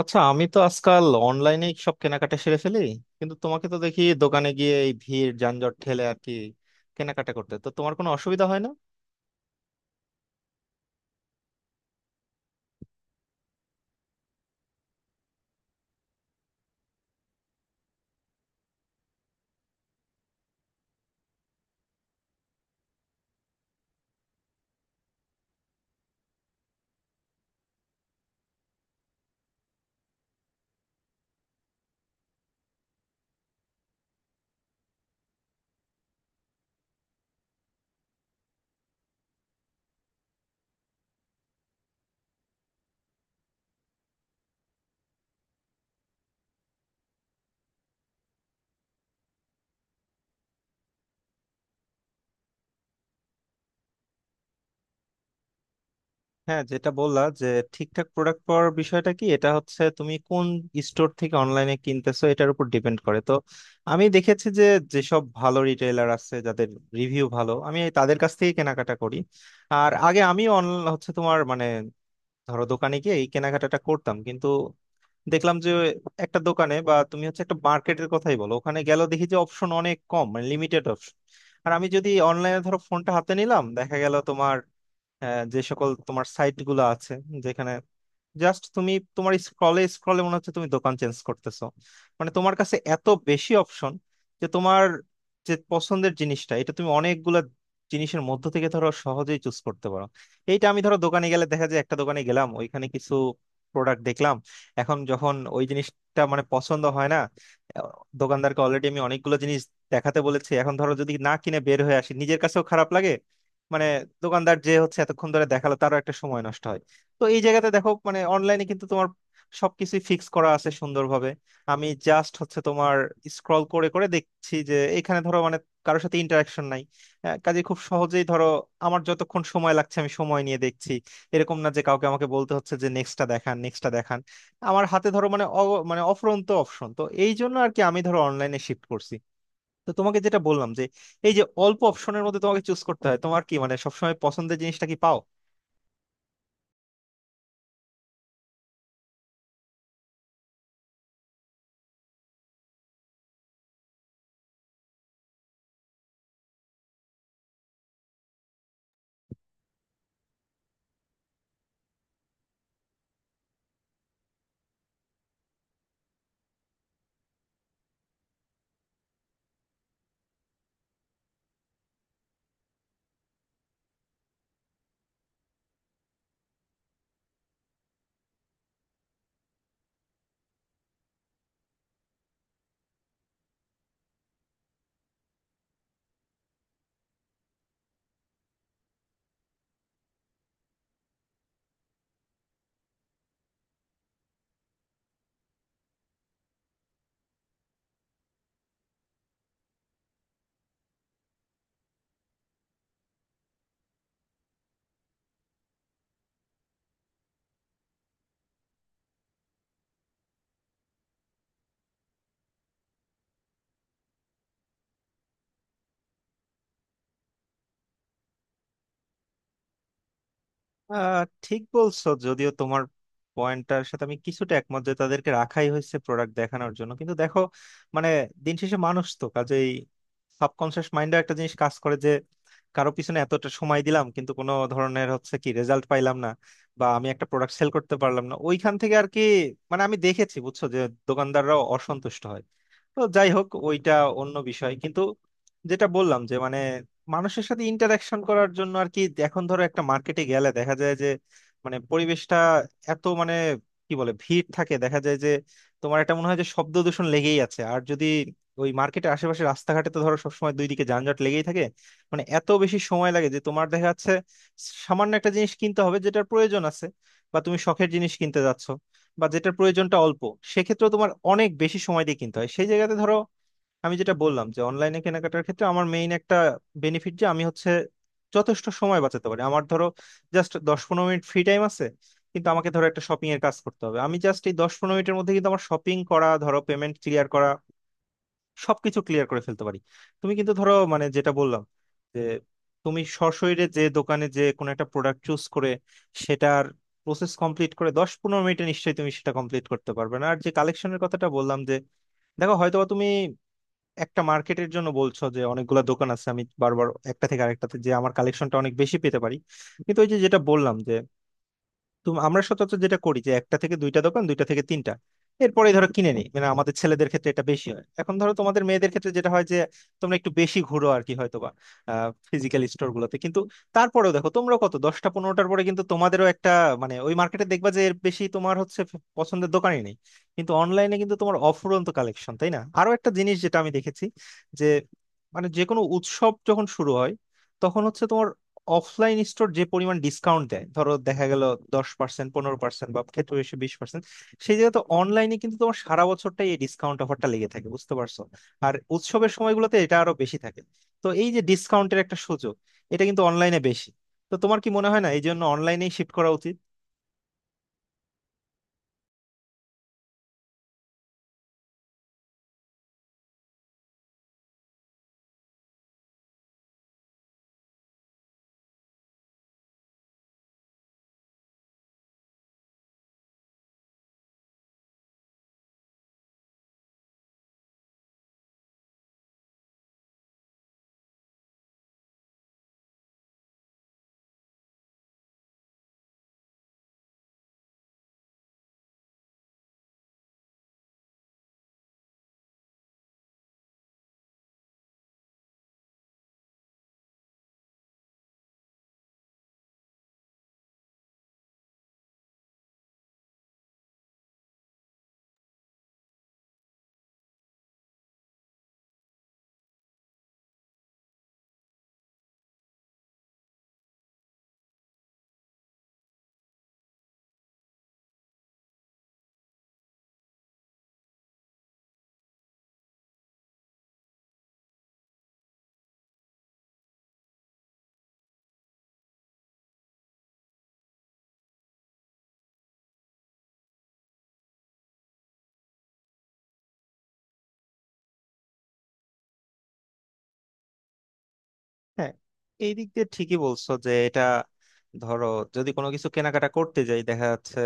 আচ্ছা, আমি তো আজকাল অনলাইনে সব কেনাকাটা সেরে ফেলি, কিন্তু তোমাকে তো দেখি দোকানে গিয়ে এই ভিড় যানজট ঠেলে আর কি কেনাকাটা করতে তো তোমার কোনো অসুবিধা হয় না। হ্যাঁ, যেটা বললা যে ঠিকঠাক প্রোডাক্ট পাওয়ার বিষয়টা, কি এটা হচ্ছে তুমি কোন স্টোর থেকে অনলাইনে কিনতেছো এটার উপর ডিপেন্ড করে তো। আমি দেখেছি যে যেসব ভালো রিটেইলার আছে যাদের রিভিউ ভালো আমি এই তাদের কাছ থেকে কেনাকাটা করি। আর আগে আমি অনলাইন হচ্ছে তোমার মানে ধরো দোকানে গিয়ে এই কেনাকাটাটা করতাম। দেখলাম যে একটা দোকানে, বা তুমি হচ্ছে একটা মার্কেটের কথাই বলো, ওখানে গেল দেখি যে অপশন অনেক কম, মানে লিমিটেড অপশন। আর আমি যদি অনলাইনে ধরো ফোনটা হাতে নিলাম দেখা গেল তোমার যে সকল তোমার সাইট গুলো আছে, যেখানে জাস্ট তুমি তোমার স্ক্রলে স্ক্রলে মনে হচ্ছে তুমি দোকান চেঞ্জ করতেছো। মানে তোমার কাছে এত বেশি অপশন যে তোমার যে পছন্দের জিনিসটা এটা তুমি অনেকগুলা জিনিসের মধ্য থেকে ধরো সহজেই চুজ করতে পারো। এইটা আমি ধরো দোকানে গেলে দেখা যায় একটা দোকানে গেলাম ওইখানে কিছু প্রোডাক্ট দেখলাম, এখন যখন ওই জিনিসটা মানে পছন্দ হয় না, আহ, দোকানদারকে অলরেডি আমি অনেকগুলো জিনিস দেখাতে বলেছি, এখন ধরো যদি না কিনে বের হয়ে আসি নিজের কাছেও খারাপ লাগে। মানে দোকানদার যে হচ্ছে এতক্ষণ ধরে দেখালো তারও একটা সময় নষ্ট হয়। তো এই জায়গাতে দেখো মানে অনলাইনে কিন্তু তোমার সবকিছুই ফিক্স করা আছে সুন্দরভাবে। আমি জাস্ট হচ্ছে তোমার স্ক্রল করে করে দেখছি যে এখানে ধরো মানে কারোর সাথে ইন্টারাকশন নাই। কাজে খুব সহজেই ধরো আমার যতক্ষণ সময় লাগছে আমি সময় নিয়ে দেখছি, এরকম না যে কাউকে আমাকে বলতে হচ্ছে যে নেক্সটটা দেখান নেক্সটটা দেখান। আমার হাতে ধরো মানে মানে অফুরন্ত অপশন, তো এই জন্য আর কি আমি ধরো অনলাইনে শিফট করছি। তো তোমাকে যেটা বললাম যে এই যে অল্প অপশনের মধ্যে তোমাকে চুজ করতে হয়, তোমার কি মানে সবসময় পছন্দের জিনিসটা কি পাও? আহ, ঠিক বলছো, যদিও তোমার পয়েন্টটার সাথে আমি কিছুটা একমত যে তাদেরকে রাখাই হয়েছে প্রোডাক্ট দেখানোর জন্য, কিন্তু দেখো মানে দিন শেষে মানুষ তো, কাজেই সাবকনসিয়াস মাইন্ডে একটা জিনিস কাজ করে যে কারো পিছনে এতটা সময় দিলাম কিন্তু কোনো ধরনের হচ্ছে কি রেজাল্ট পাইলাম না, বা আমি একটা প্রোডাক্ট সেল করতে পারলাম না ওইখান থেকে আর কি। মানে আমি দেখেছি বুঝছো যে দোকানদাররাও অসন্তুষ্ট হয়। তো যাই হোক ওইটা অন্য বিষয়, কিন্তু যেটা বললাম যে মানে মানুষের সাথে ইন্টারাকশন করার জন্য আর কি। এখন ধরো একটা মার্কেটে গেলে দেখা যায় যে মানে পরিবেশটা এত মানে কি বলে ভিড় থাকে, দেখা যায় যে তোমার এটা মনে হয় যে শব্দ দূষণ লেগেই আছে, আর যদি ওই মার্কেটের আশেপাশে রাস্তাঘাটে তো ধরো সবসময় দুই দিকে যানজট লেগেই থাকে। মানে এত বেশি সময় লাগে যে তোমার দেখা যাচ্ছে সামান্য একটা জিনিস কিনতে হবে যেটার প্রয়োজন আছে, বা তুমি শখের জিনিস কিনতে যাচ্ছ, বা যেটার প্রয়োজনটা অল্প, সেক্ষেত্রে তোমার অনেক বেশি সময় দিয়ে কিনতে হয়। সেই জায়গাতে ধরো আমি যেটা বললাম যে অনলাইনে কেনাকাটার ক্ষেত্রে আমার মেইন একটা বেনিফিট যে আমি হচ্ছে যথেষ্ট সময় বাঁচাতে পারি। আমার ধরো জাস্ট 10-15 মিনিট ফ্রি টাইম আছে, কিন্তু আমাকে ধরো একটা শপিং এর কাজ করতে হবে, আমি জাস্ট এই 10-15 মিনিটের মধ্যে কিন্তু আমার শপিং করা, ধরো পেমেন্ট ক্লিয়ার করা, সবকিছু ক্লিয়ার করে ফেলতে পারি। তুমি কিন্তু ধরো মানে যেটা বললাম যে তুমি সশরীরে যে দোকানে যে কোনো একটা প্রোডাক্ট চুজ করে সেটার প্রসেস কমপ্লিট করে 10-15 মিনিটে নিশ্চয়ই তুমি সেটা কমপ্লিট করতে পারবে না। আর যে কালেকশনের কথাটা বললাম যে দেখো হয়তোবা তুমি একটা মার্কেটের জন্য বলছো যে অনেকগুলা দোকান আছে, আমি বারবার একটা থেকে আরেকটাতে যে আমার কালেকশনটা অনেক বেশি পেতে পারি, কিন্তু ওই যে যেটা বললাম যে তুমি আমরা সচরাচর যেটা করি যে একটা থেকে দুইটা দোকান, দুইটা থেকে তিনটা, এরপরে ধরো কিনে নিই, মানে আমাদের ছেলেদের ক্ষেত্রে এটা বেশি হয়। এখন ধরো তোমাদের মেয়েদের ক্ষেত্রে যেটা হয় যে তোমরা একটু বেশি ঘুরো আর কি, হয়তো বা ফিজিক্যাল স্টোর গুলোতে, কিন্তু তারপরেও দেখো তোমরা কত দশটা পনেরোটার পরে কিন্তু তোমাদেরও একটা মানে ওই মার্কেটে দেখবা যে এর বেশি তোমার হচ্ছে পছন্দের দোকানই নেই। কিন্তু অনলাইনে কিন্তু তোমার অফুরন্ত কালেকশন, তাই না? আরো একটা জিনিস যেটা আমি দেখেছি যে মানে যে কোনো উৎসব যখন শুরু হয় তখন হচ্ছে তোমার অফলাইন স্টোর যে পরিমাণ ডিসকাউন্ট দেয় ধরো দেখা গেল 10%, 15%, বা ক্ষেত্রে বেশি 20%। সেই জায়গায় তো অনলাইনে কিন্তু তোমার সারা বছরটাই এই ডিসকাউন্ট অফারটা লেগে থাকে, বুঝতে পারছো? আর উৎসবের সময়গুলোতে এটা আরো বেশি থাকে। তো এই যে ডিসকাউন্টের একটা সুযোগ, এটা কিন্তু অনলাইনে বেশি। তো তোমার কি মনে হয় না এই জন্য অনলাইনেই শিফট করা উচিত? হ্যাঁ, এই দিক দিয়ে ঠিকই বলছো যে এটা ধরো যদি কোনো কিছু কেনাকাটা করতে যাই দেখা যাচ্ছে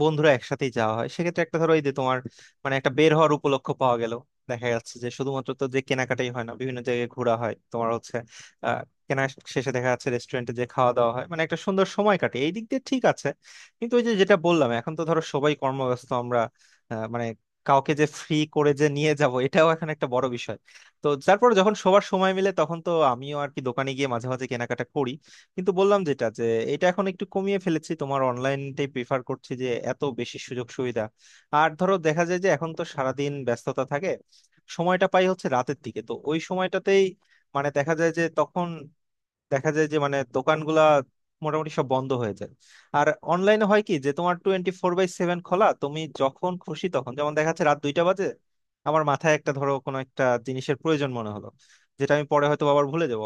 বন্ধুরা একসাথেই যাওয়া হয়, সেক্ষেত্রে একটা ধরো এই যে তোমার মানে একটা বের হওয়ার উপলক্ষ পাওয়া গেল। দেখা যাচ্ছে যে শুধুমাত্র তো যে কেনাকাটাই হয় না, বিভিন্ন জায়গায় ঘোরা হয়, তোমার হচ্ছে আহ কেনা শেষে দেখা যাচ্ছে রেস্টুরেন্টে যে খাওয়া দাওয়া হয়, মানে একটা সুন্দর সময় কাটে, এই দিক দিয়ে ঠিক আছে। কিন্তু ওই যে যেটা বললাম এখন তো ধরো সবাই কর্মব্যস্ত আমরা, মানে কাউকে যে ফ্রি করে যে নিয়ে যাব এটাও এখন একটা বড় বিষয়। তো তারপর যখন সবার সময় মিলে তখন তো আমিও আর কি দোকানে গিয়ে মাঝে মাঝে কেনাকাটা করি, কিন্তু বললাম যেটা যে এটা এখন একটু কমিয়ে ফেলেছি, তোমার অনলাইনটাই প্রিফার করছি যে এত বেশি সুযোগ সুবিধা। আর ধরো দেখা যায় যে এখন তো সারাদিন ব্যস্ততা থাকে, সময়টা পাই হচ্ছে রাতের দিকে, তো ওই সময়টাতেই মানে দেখা যায় যে তখন দেখা যায় যে মানে দোকানগুলা মোটামুটি সব বন্ধ হয়ে যায়। আর অনলাইনে হয় কি যে তোমার 24/7 খোলা, তুমি যখন খুশি তখন, যেমন দেখা যাচ্ছে রাত 2টা বাজে আমার মাথায় একটা ধরো কোনো একটা জিনিসের প্রয়োজন মনে হলো, যেটা আমি পরে হয়তো আবার ভুলে যাবো,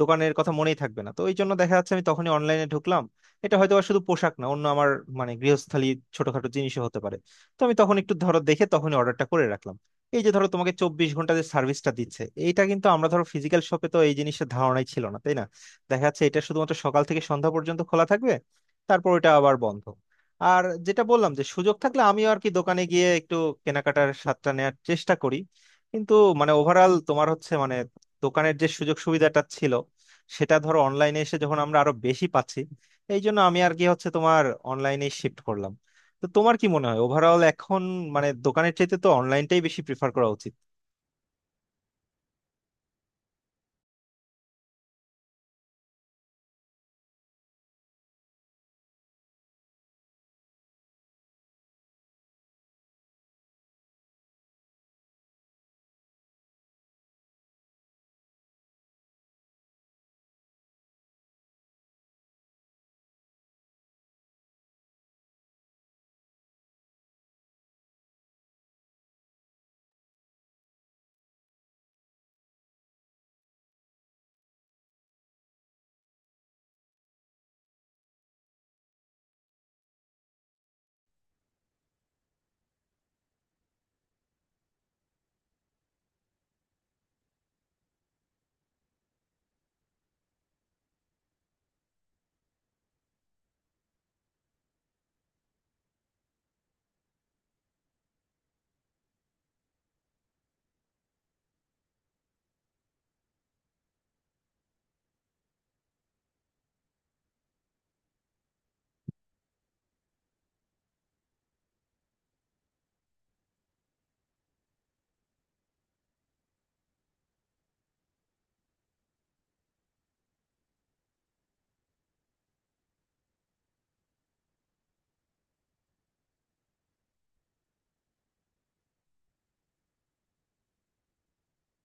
দোকানের কথা মনেই থাকবে না, তো এই জন্য দেখা যাচ্ছে আমি তখনই অনলাইনে ঢুকলাম। এটা হয়তো আর শুধু পোশাক না, অন্য আমার মানে গৃহস্থালী ছোটখাটো জিনিসও হতে পারে। তো আমি তখন একটু ধরো দেখে তখনই অর্ডারটা করে রাখলাম। এই যে ধরো তোমাকে 24 ঘন্টা যে সার্ভিসটা দিচ্ছে এইটা কিন্তু আমরা ধরো ফিজিক্যাল শপে তো এই জিনিসটা ধারণাই ছিল না, তাই না? দেখা যাচ্ছে এটা শুধুমাত্র সকাল থেকে সন্ধ্যা পর্যন্ত খোলা থাকবে, তারপর এটা আবার বন্ধ। আর যেটা বললাম যে সুযোগ থাকলে আমিও আর কি দোকানে গিয়ে একটু কেনাকাটার স্বাদটা নেওয়ার চেষ্টা করি, কিন্তু মানে ওভারঅল তোমার হচ্ছে মানে দোকানের যে সুযোগ সুবিধাটা ছিল সেটা ধরো অনলাইনে এসে যখন আমরা আরো বেশি পাচ্ছি, এই জন্য আমি আর কি হচ্ছে তোমার অনলাইনে শিফট করলাম। তো তোমার কি মনে হয় ওভারঅল এখন মানে দোকানের চাইতে তো অনলাইনটাই বেশি প্রিফার করা উচিত?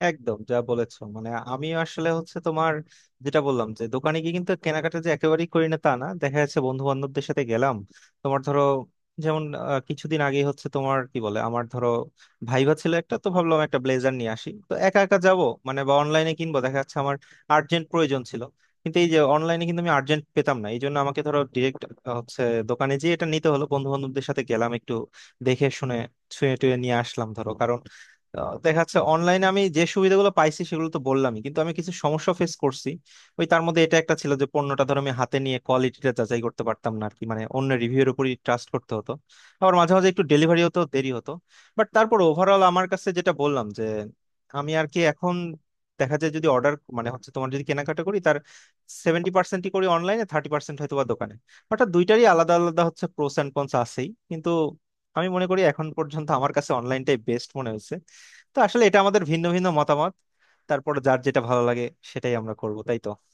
একদম, যা বলেছো। মানে আমি আসলে হচ্ছে তোমার যেটা বললাম যে দোকানে গিয়ে কিন্তু কেনাকাটা যে একেবারেই করি না তা না, দেখা যাচ্ছে বন্ধু বান্ধবদের সাথে গেলাম, তোমার ধরো যেমন কিছুদিন আগে হচ্ছে তোমার কি বলে আমার ধরো ভাইবা ছিল একটা, তো ভাবলাম একটা ব্লেজার নিয়ে আসি, তো একা একা যাব মানে বা অনলাইনে কিনবো, দেখা যাচ্ছে আমার আর্জেন্ট প্রয়োজন ছিল কিন্তু এই যে অনলাইনে কিন্তু আমি আর্জেন্ট পেতাম না, এই জন্য আমাকে ধরো ডিরেক্ট হচ্ছে দোকানে যেয়ে এটা নিতে হলো, বন্ধু বান্ধবদের সাথে গেলাম একটু দেখে শুনে ছুঁয়ে টুয়ে নিয়ে আসলাম ধরো। আহ, দেখা যাচ্ছে অনলাইনে আমি যে সুবিধাগুলো পাইছি সেগুলো তো বললামই, কিন্তু আমি কিছু সমস্যা ফেস করছি। ওই তার মধ্যে এটা একটা ছিল যে পণ্যটা ধরো আমি হাতে নিয়ে কোয়ালিটিটা যাচাই করতে পারতাম না আর কি, মানে অন্য রিভিউয়ের উপরই ট্রাস্ট করতে হতো। আবার মাঝে মাঝে একটু ডেলিভারি হতেও দেরি হতো। বাট তারপর ওভারঅল আমার কাছে যেটা বললাম যে আমি আর কি এখন দেখা যায় যদি অর্ডার মানে হচ্ছে তোমার যদি কেনাকাটা করি তার 70%-ই করি অনলাইনে, 30% হয়তো বা দোকানে। অর্থাৎ দুইটারই আলাদা আলাদা হচ্ছে প্রোস অ্যান্ড কনস আছেই, কিন্তু আমি মনে করি এখন পর্যন্ত আমার কাছে অনলাইনটাই বেস্ট মনে হয়েছে। তো আসলে এটা আমাদের ভিন্ন ভিন্ন মতামত, তারপর যার যেটা ভালো লাগে সেটাই আমরা করব, তাই তো?